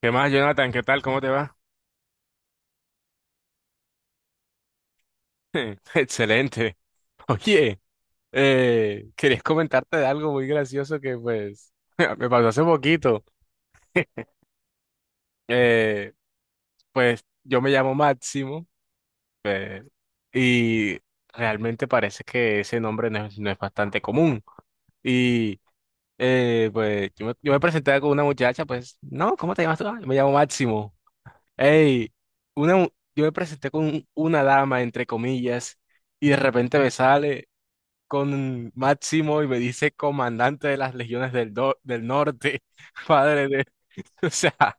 ¿Qué más, Jonathan? ¿Qué tal? ¿Cómo te va? Excelente. Oye, querías comentarte de algo muy gracioso que pues me pasó hace poquito. Eh, pues yo me llamo Máximo eh, y realmente parece que ese nombre no es bastante común. Y pues yo me presenté con una muchacha, pues, no, ¿cómo te llamas tú? "Ah, yo me llamo Máximo. Ey, una, mu- yo me presenté con una dama, entre comillas, y de repente me sale con Máximo y me dice comandante de las legiones del norte, padre de o sea,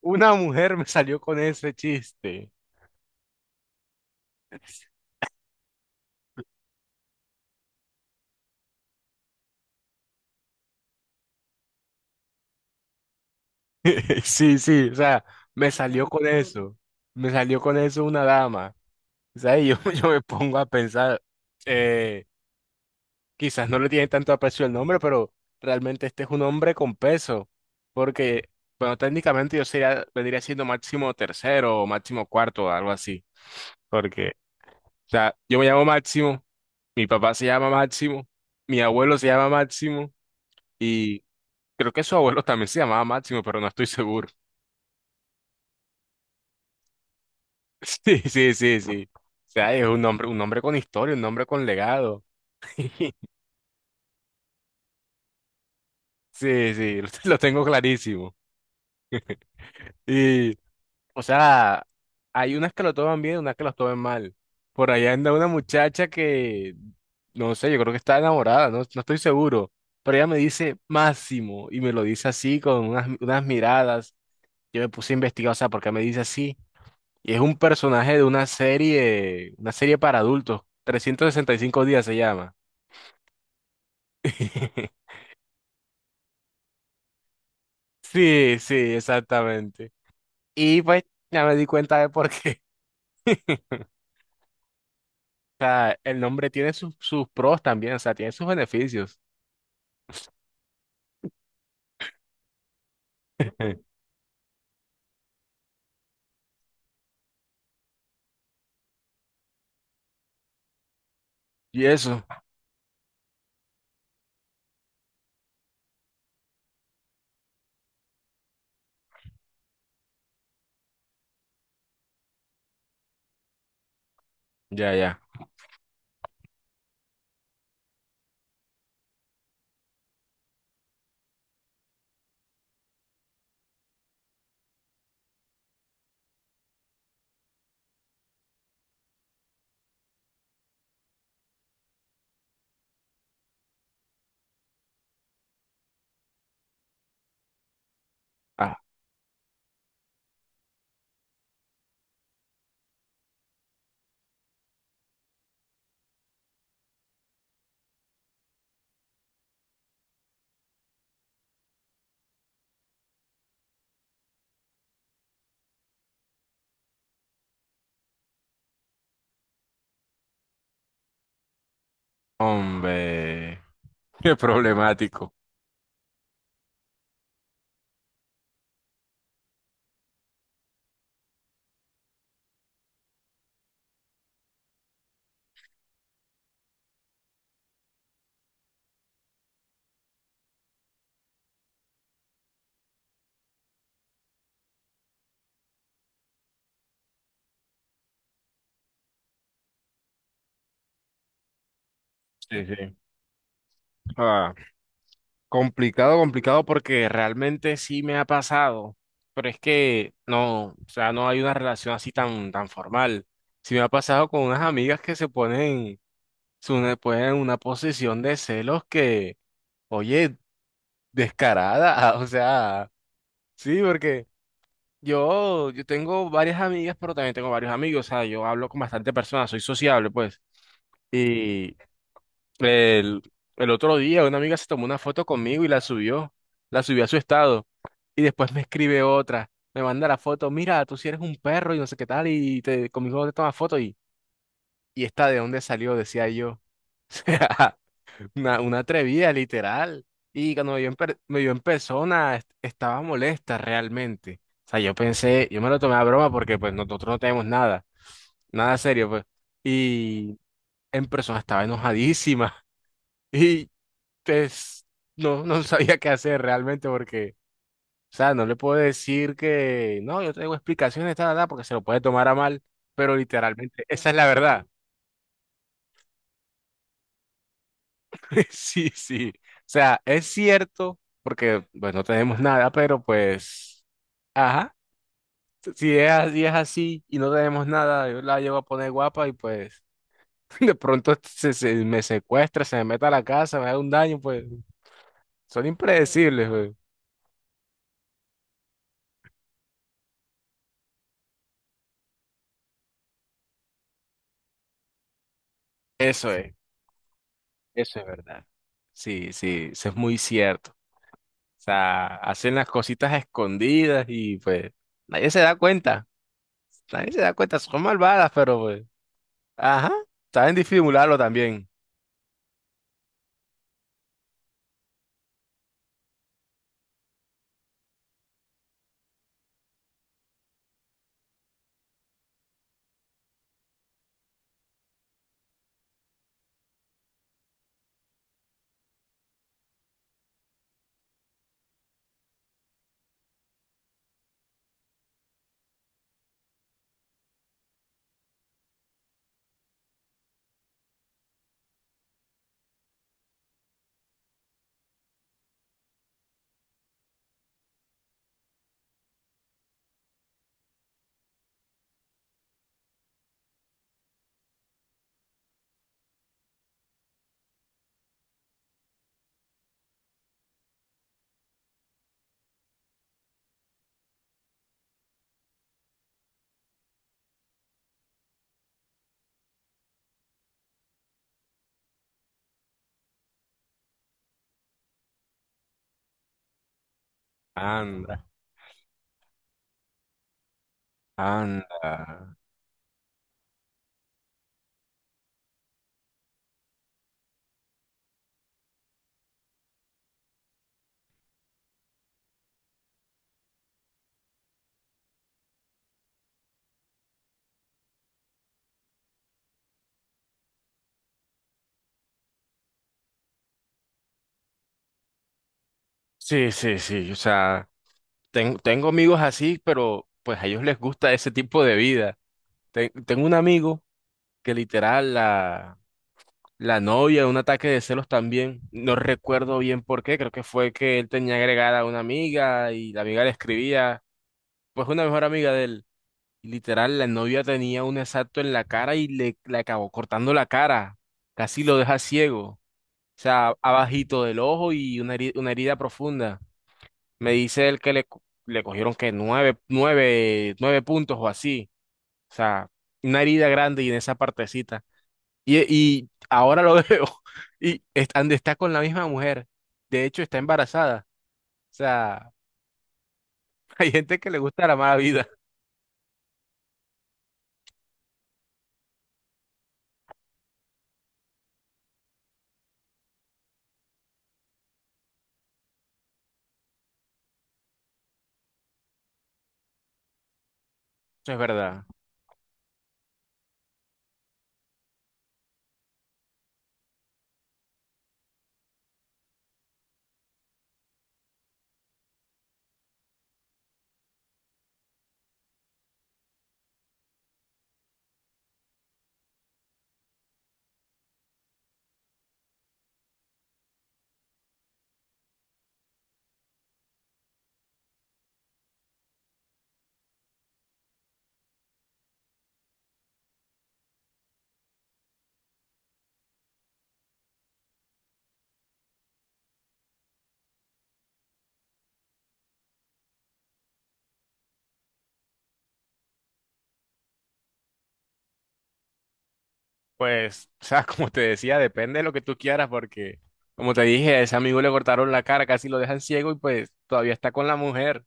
una mujer me salió con ese chiste. Sí, sí, o sea, me salió con eso. Me salió con eso una dama. O sea, y yo, yo me pongo a pensar, eh, quizás no le tiene tanto aprecio el nombre, pero realmente este es un hombre con peso. Porque, bueno, técnicamente yo sería, vendría siendo máximo tercero o máximo cuarto, algo así. Porque sea, yo me llamo Máximo, mi papá se llama Máximo, mi abuelo se llama Máximo y creo que su abuelo también se llamaba Máximo, pero no estoy seguro. Sí, sí, sí, sí. O sea, es un nombre con historia, un nombre con legado. Sí, sí, lo tengo clarísimo. Y o sea, hay unas que lo toman bien, unas que los toman mal. Por allá anda una muchacha que, no sé, yo creo que está enamorada, no, no estoy seguro. Pero ella me dice Máximo y me lo dice así con unas, unas miradas. Yo me puse a investigar, o sea, ¿por qué me dice así? Y es un personaje de una serie para adultos. 365 días se llama. Sí, sí, exactamente. Y pues ya me di cuenta de por qué. O sea, el nombre tiene sus sus pros también, o sea, tiene sus beneficios. Y eso, ya, ya. Ah, hombre, qué problemático. Sí, sí. Ah, complicado, complicado porque realmente sí me ha pasado, pero es que no, o sea, no hay una relación así tan, tan formal. Sí me ha pasado con unas amigas que se ponen, ponen en una posición de celos que, oye, descarada, o sea, sí, porque Yo tengo varias amigas, pero también tengo varios amigos. O sea, yo hablo con bastante personas, soy sociable, pues. Y el, el otro día una amiga se tomó una foto conmigo y la subió a su estado. Y después me escribe otra, me manda la foto, mira, tú sí eres un perro y no sé qué tal, y te, conmigo te tomas foto y esta de dónde salió, decía yo. Una atrevida, literal. Y cuando me vio en, me vio en persona, estaba molesta realmente. O sea, yo pensé, yo me lo tomé a broma porque pues nosotros no tenemos nada, nada serio, pues. Y en persona estaba enojadísima. Y pues no, no sabía qué hacer realmente porque, o sea, no le puedo decir que, no, yo tengo explicaciones, tal, tal, porque se lo puede tomar a mal, pero literalmente, esa es la verdad. Sí, sí. O sea, es cierto, porque pues no tenemos nada, pero pues, ajá, si es, es así y no tenemos nada, yo la llevo a poner guapa y pues de pronto se, se me secuestra, se me mete a la casa, me haga un daño, pues son impredecibles, pues. Eso es, eso es verdad. Sí, sí, eso es muy cierto. O sea, hacen las cositas escondidas y pues nadie se da cuenta, nadie se da cuenta, son malvadas, pero pues, ajá, saben disimularlo también. Anda, anda. Sí, sí, sí. O sea, tengo amigos así, pero pues a ellos les gusta ese tipo de vida. Tengo un amigo que literal la, la novia, un ataque de celos también. No recuerdo bien por qué. Creo que fue que él tenía agregada a una amiga y la amiga le escribía, pues una mejor amiga de él. Y literal, la novia tenía un exacto en la cara y le acabó cortando la cara. Casi lo deja ciego. O sea, abajito del ojo y una una herida profunda. Me dice él que le, le cogieron que 9, 9, 9 puntos o así. O sea, una herida grande y en esa partecita. Y ahora lo veo. Y está, está con la misma mujer. De hecho, está embarazada. O sea, hay gente que le gusta la mala vida. Eso es verdad. Pues, o sea, como te decía, depende de lo que tú quieras, porque, como te dije, a ese amigo le cortaron la cara, casi lo dejan ciego y pues todavía está con la mujer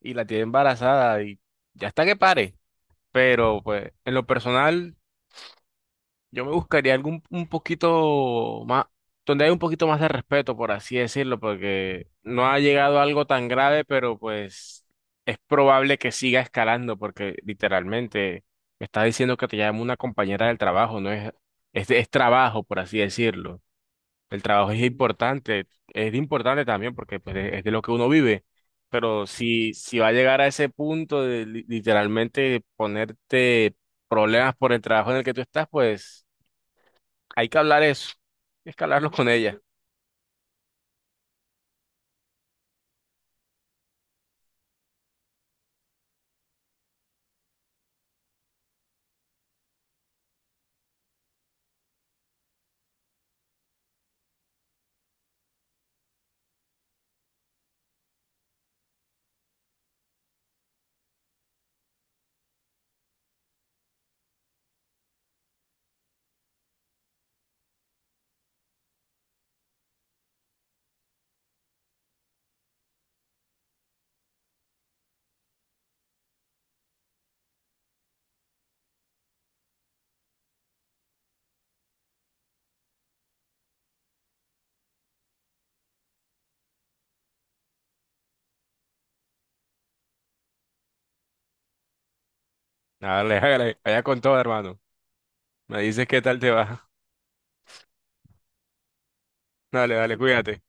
y la tiene embarazada y ya está que pare. Pero, pues, en lo personal. Yo me buscaría algún un poquito más, donde hay un poquito más de respeto, por así decirlo, porque no ha llegado a algo tan grave, pero pues es probable que siga escalando, porque literalmente me está diciendo que te llama una compañera del trabajo, no es, es trabajo, por así decirlo. El trabajo es importante también porque pues, es de lo que uno vive, pero si, si va a llegar a ese punto de literalmente ponerte problemas por el trabajo en el que tú estás, pues Hay que hablar eso. Hay que hablarlo con ella. Dale, dale, allá con todo, hermano. Me dices qué tal te va. Dale, dale, cuídate.